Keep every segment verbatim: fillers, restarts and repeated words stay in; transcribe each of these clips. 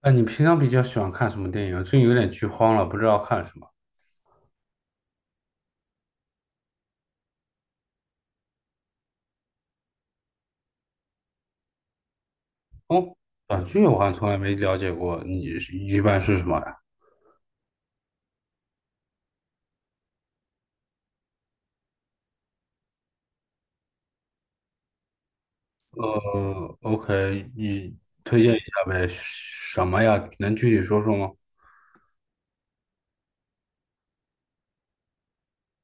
哎，你平常比较喜欢看什么电影啊，最近有点剧荒了，不知道看什么。哦。短剧我好像从来没了解过，你是一般是什么呀？呃，OK，你推荐一下呗？什么呀？能具体说说吗？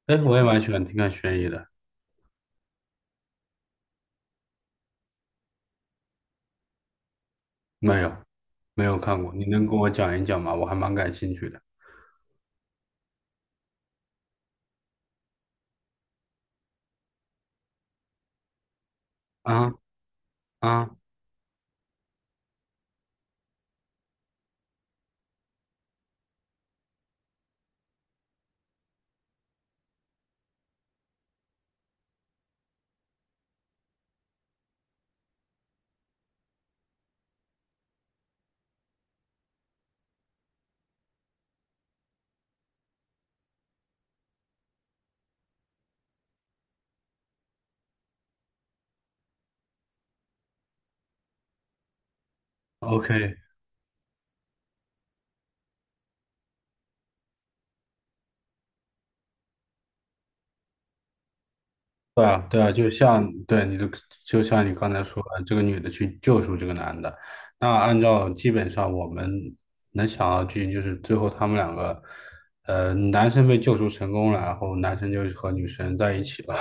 哎，我也蛮喜欢听看悬疑的。没有，没有看过，你能跟我讲一讲吗？我还蛮感兴趣的。啊啊，OK。对啊，对啊，就像对你的，就像你刚才说的，这个女的去救赎这个男的。那按照基本上我们能想到的剧，情，就是最后他们两个，呃，男生被救赎成功了，然后男生就和女生在一起了。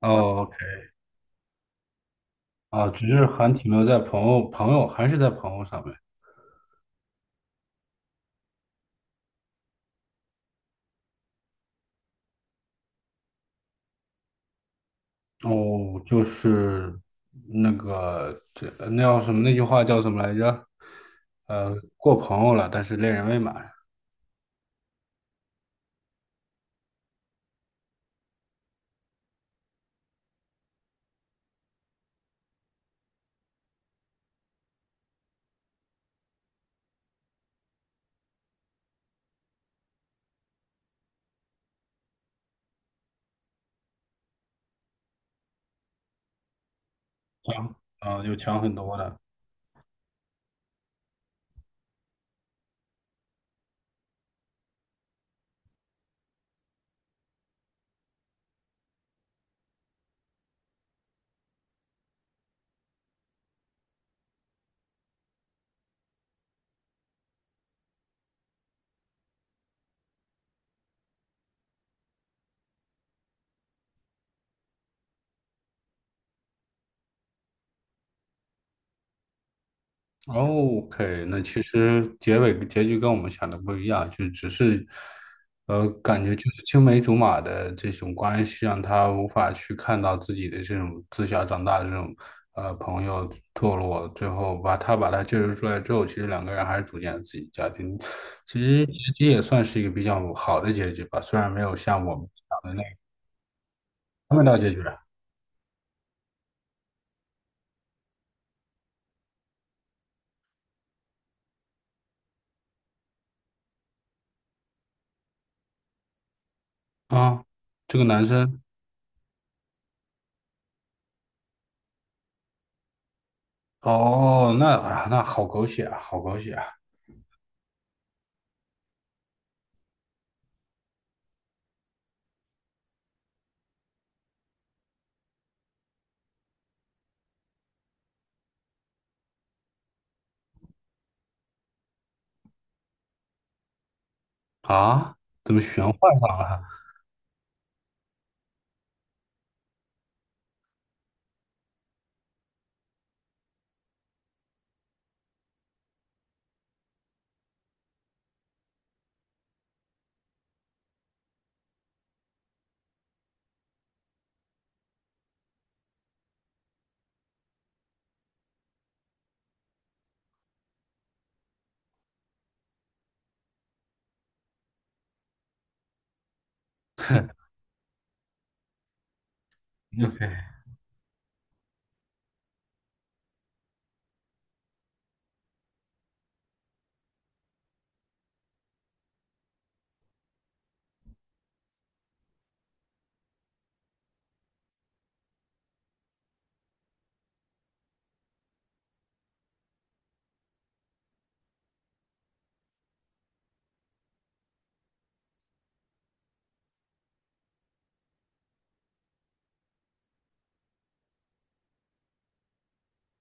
哦 o 啊，只是还停留在朋友，朋友还是在朋友上面。哦，就是那个，这那叫什么？那句话叫什么来着？呃，过朋友了，但是恋人未满。强，啊，有强很多的。OK，那其实结尾结局跟我们想的不一样，就只是，呃，感觉就是青梅竹马的这种关系，让他无法去看到自己的这种自小长大的这种呃朋友堕落，最后把他把他救赎出来之后，其实两个人还是组建了自己的家庭。其实结局也算是一个比较好的结局吧，虽然没有像我们想的那个他们到结局了。啊，这个男生。哦，那啊那好狗血啊，好狗血啊。啊，怎么玄幻上了？OK。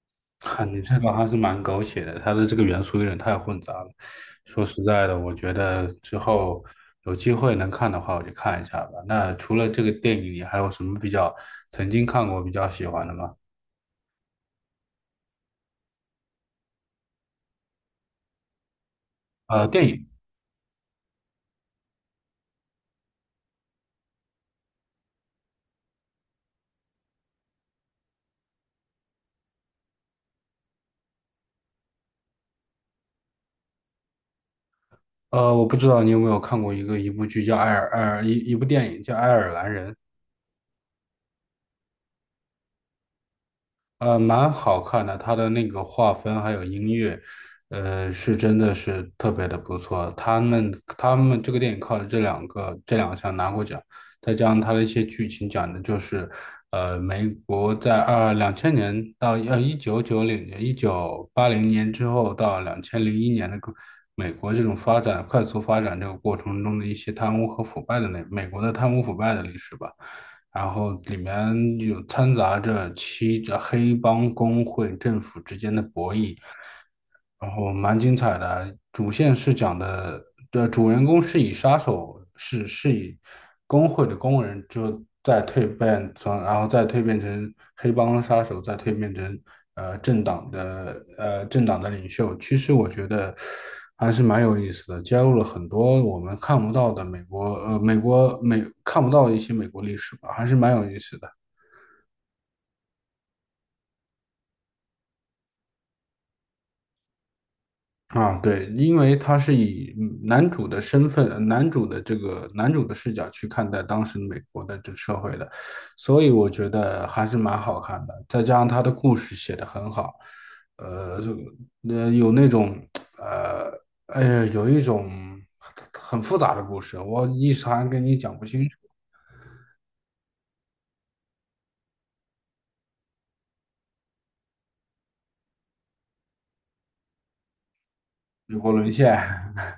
哈，你这个还是蛮狗血的，它的这个元素有点太混杂了。说实在的，我觉得之后有机会能看的话，我就看一下吧。那除了这个电影，你还有什么比较曾经看过比较喜欢的吗？呃，电影。呃，我不知道你有没有看过一个一部剧叫《爱尔爱尔》呃，一一部电影叫《爱尔兰人》。呃，蛮好看的，它的那个划分还有音乐，呃，是真的是特别的不错。他们他们这个电影靠着这两个这两项拿过奖。再加上它的一些剧情讲的就是，呃，美国在二两千年到呃一九九零年一九八零年之后到两千零一年的个美国这种发展快速发展这个过程中的一些贪污和腐败的，那美国的贪污腐败的历史吧。然后里面有掺杂着七呃黑帮工会、政府之间的博弈，然后蛮精彩的。主线是讲的，这主人公是以杀手是是以工会的工人，就再蜕变从，然后再蜕变成黑帮杀手，再蜕变成呃政党的呃政党的领袖。其实我觉得还是蛮有意思的，加入了很多我们看不到的美国呃美国美看不到的一些美国历史吧，还是蛮有意思的。啊，对，因为他是以嗯男主的身份、男主的这个男主的视角去看待当时美国的这个社会的，所以我觉得还是蛮好看的。再加上他的故事写得很好，呃，这个呃有那种，呃，哎呀，有一种很复杂的故事，我一时还跟你讲不清楚。美国沦陷。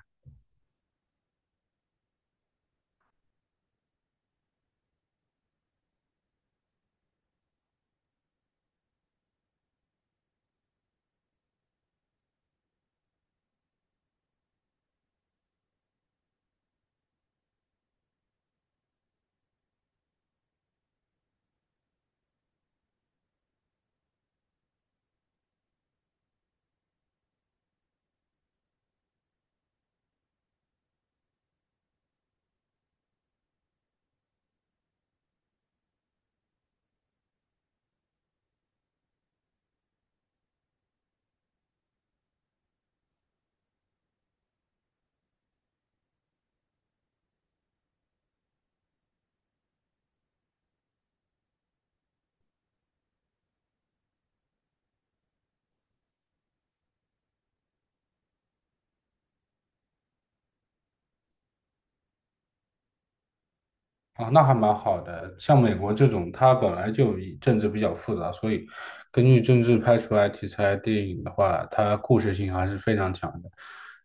啊，那还蛮好的。像美国这种，它本来就以政治比较复杂，所以根据政治拍出来题材电影的话，它故事性还是非常强的。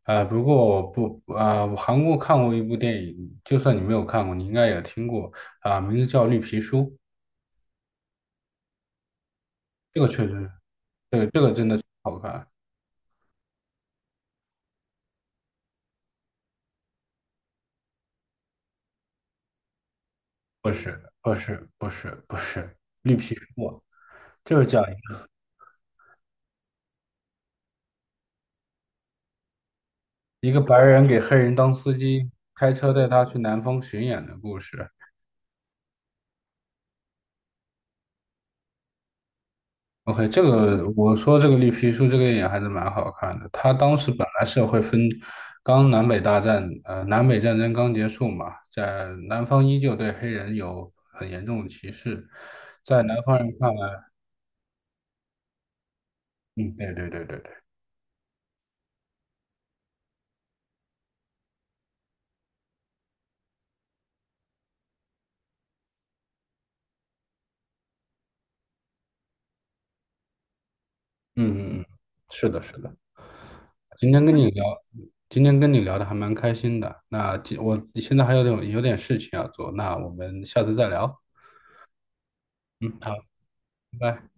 呃，不过我不，啊，我韩国看过一部电影，就算你没有看过，你应该也听过啊、名字叫《绿皮书》。这个确实，这个这个真的好看。不是，不是，不是，不是《绿皮书》。啊，就是讲一个白人给黑人当司机，开车带他去南方巡演的故事。OK，这个我说这个绿皮书这个电影还是蛮好看的。他当时本来是会分，刚南北大战，呃，南北战争刚结束嘛，在南方依旧对黑人有很严重的歧视，在南方人看来。嗯，对对对对对。嗯嗯嗯。是的，是的。今天跟你聊，今天跟你聊的还蛮开心的。那今我现在还有点有点事情要做，那我们下次再聊。嗯，好，拜拜。